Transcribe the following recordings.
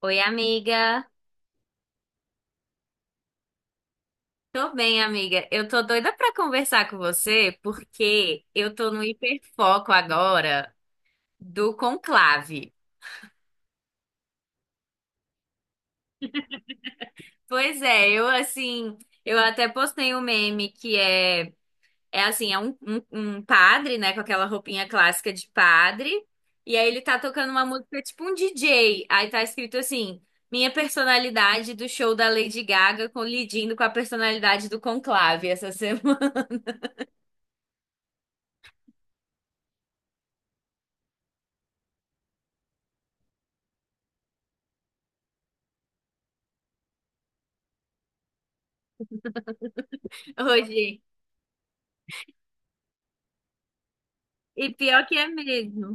Oi, amiga. Tô bem, amiga. Eu tô doida pra conversar com você porque eu tô no hiperfoco agora do conclave. Pois é, eu assim, eu até postei um meme que é assim, é um padre, né, com aquela roupinha clássica de padre, e aí ele tá tocando uma música tipo um DJ. Aí tá escrito assim: Minha personalidade do show da Lady Gaga colidindo com a personalidade do conclave essa semana. Hoje. E pior que é mesmo.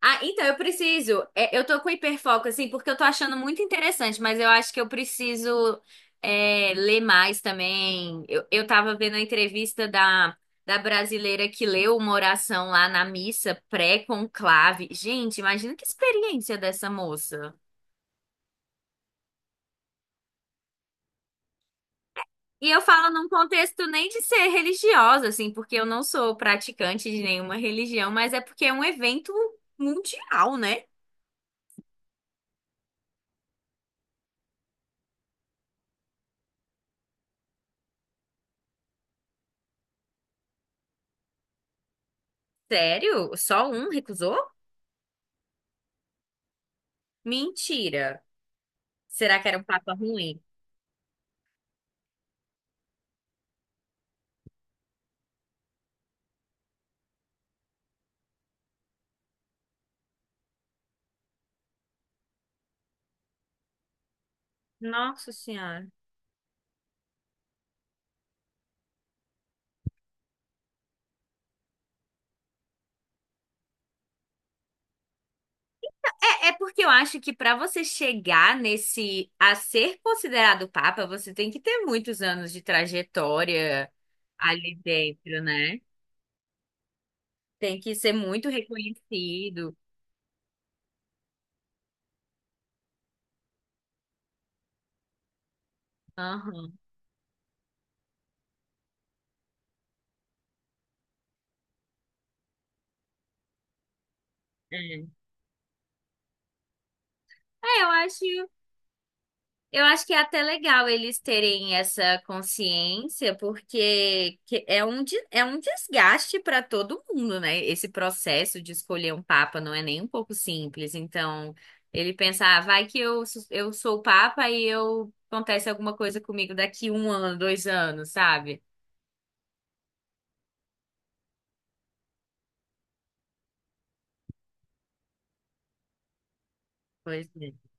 Ah, então eu preciso. Eu tô com hiperfoco, assim, porque eu tô achando muito interessante, mas eu acho que eu preciso ler mais também. Eu tava vendo a entrevista da brasileira que leu uma oração lá na missa pré-conclave. Gente, imagina que experiência dessa moça. E eu falo num contexto nem de ser religiosa, assim, porque eu não sou praticante de nenhuma religião, mas é porque é um evento mundial, né? Sério? Só um recusou? Mentira. Será que era um papa ruim? Nossa Senhora. É, porque eu acho que para você chegar nesse a ser considerado papa, você tem que ter muitos anos de trajetória ali dentro, né? Tem que ser muito reconhecido. Aham. É. É, eu acho. Eu acho que é até legal eles terem essa consciência, porque é um desgaste para todo mundo, né? Esse processo de escolher um papa não é nem um pouco simples. Então, ele pensa, ah, vai que eu sou o papa e eu acontece alguma coisa comigo daqui um ano, 2 anos, sabe? Pois é.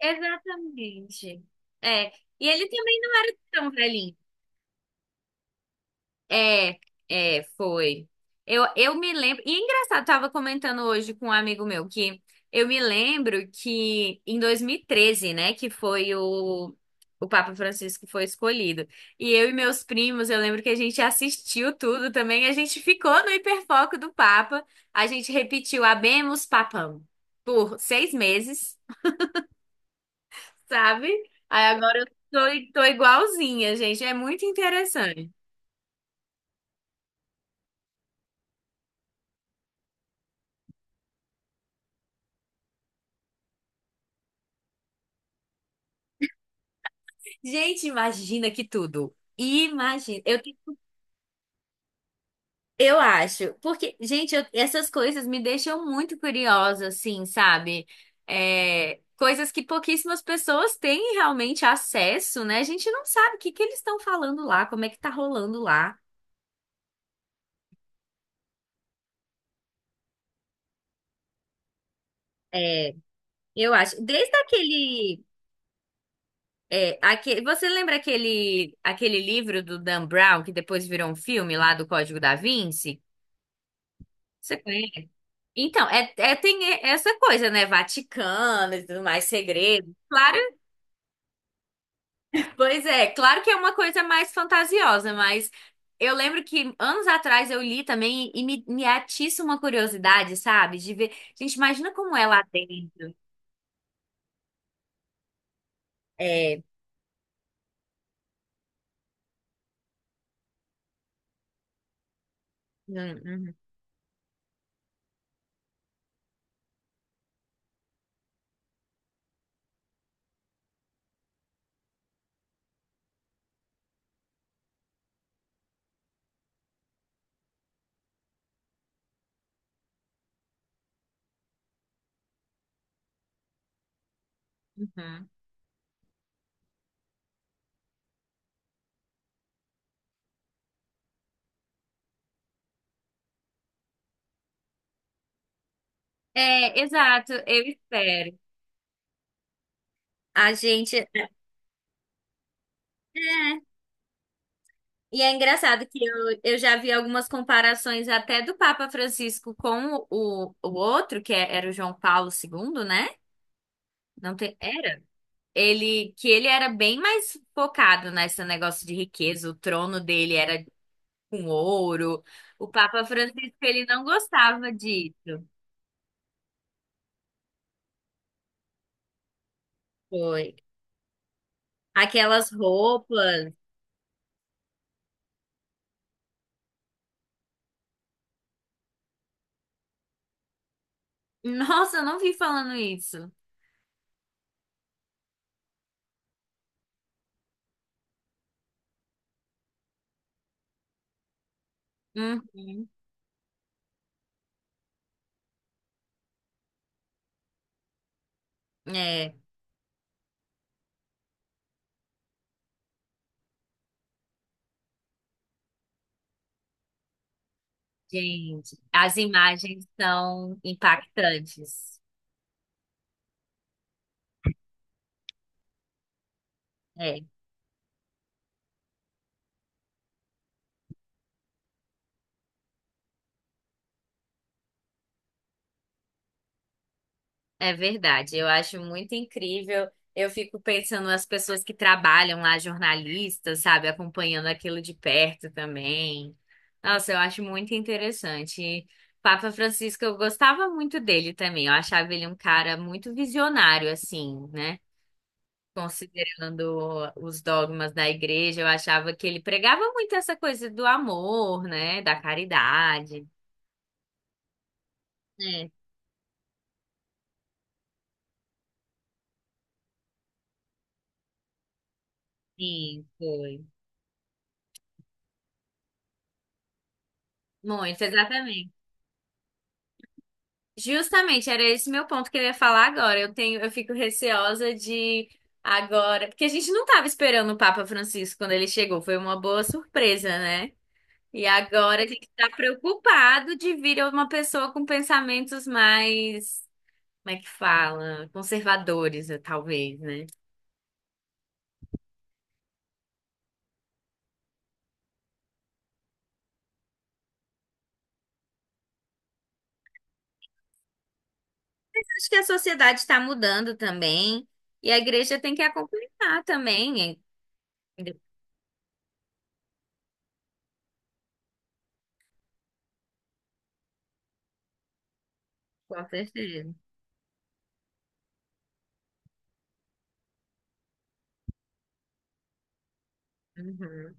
Exatamente. É. E ele também não era tão velhinho. É, foi. Eu me lembro. E é engraçado, tava comentando hoje com um amigo meu que eu me lembro que em 2013, né, que foi o Papa Francisco foi escolhido. E eu e meus primos, eu lembro que a gente assistiu tudo também, a gente ficou no hiperfoco do Papa, a gente repetiu Habemus Papam por 6 meses, sabe? Aí agora eu tô igualzinha, gente. É muito interessante. Gente, imagina que tudo. Imagina. Eu acho. Porque, gente, essas coisas me deixam muito curiosa, assim, sabe? É, coisas que pouquíssimas pessoas têm realmente acesso, né? A gente não sabe o que que eles estão falando lá, como é que tá rolando lá. É, eu acho. Desde aquele. Você lembra aquele livro do Dan Brown, que depois virou um filme lá do Código da Vinci? Você conhece? Então, tem essa coisa, né? Vaticano e tudo mais, segredo. Claro, pois é, claro que é uma coisa mais fantasiosa, mas eu lembro que anos atrás eu li também e me atiça uma curiosidade, sabe? De ver. Gente, imagina como é lá dentro. É. Hum, uhum, uhum. É, exato, eu espero. A gente. É. E é engraçado que eu já vi algumas comparações até do Papa Francisco com o outro, era o João Paulo II, né? Não tem, era? Que ele era bem mais focado nesse negócio de riqueza, o trono dele era com ouro. O Papa Francisco, ele não gostava disso. Foi. Aquelas roupas. Nossa, eu não vi falando isso. Uhum. É, gente, as imagens são impactantes. É. É verdade, eu acho muito incrível. Eu fico pensando nas pessoas que trabalham lá, jornalistas, sabe, acompanhando aquilo de perto também. Nossa, eu acho muito interessante. E Papa Francisco, eu gostava muito dele também. Eu achava ele um cara muito visionário, assim, né? Considerando os dogmas da igreja, eu achava que ele pregava muito essa coisa do amor, né? Da caridade. É, sim, foi. Muito, exatamente. Justamente, era esse meu ponto que eu ia falar agora. Eu fico receosa de agora, porque a gente não estava esperando o Papa Francisco quando ele chegou, foi uma boa surpresa, né? E agora a gente está preocupado de vir uma pessoa com pensamentos mais, como é que fala? Conservadores, talvez, né? Acho que a sociedade está mudando também, e a igreja tem que acompanhar também, eh, com certeza. Uhum.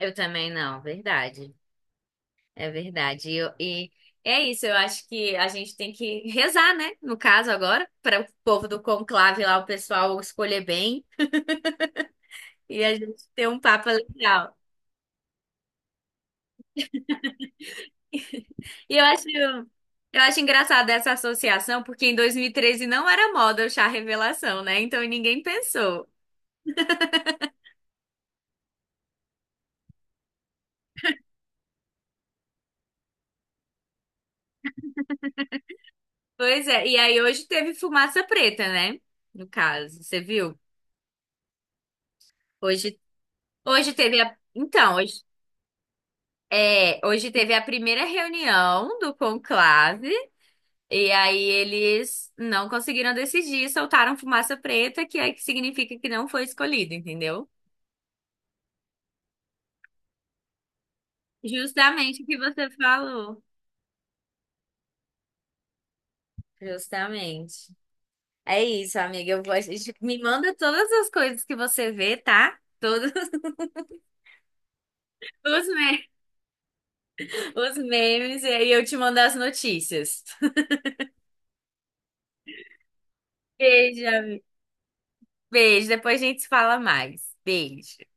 Eu também não, verdade. É verdade. E é isso, eu acho que a gente tem que rezar, né? No caso agora, para o povo do conclave lá, o pessoal escolher bem e a gente ter um papo legal. E eu acho engraçado essa associação, porque em 2013 não era moda o chá revelação, né? Então ninguém pensou. Pois é, e aí hoje teve fumaça preta, né? No caso, você viu? Hoje, Então, hoje, hoje teve a primeira reunião do conclave. E aí eles não conseguiram decidir, soltaram fumaça preta, que é que significa que não foi escolhido, entendeu? Justamente o que você falou. Justamente. É isso, amiga. Eu vou... a gente- Me manda todas as coisas que você vê, tá? Todos os me- os memes, e aí eu te mando as notícias. Beijo, amiga. Beijo. Depois a gente se fala mais. Beijo.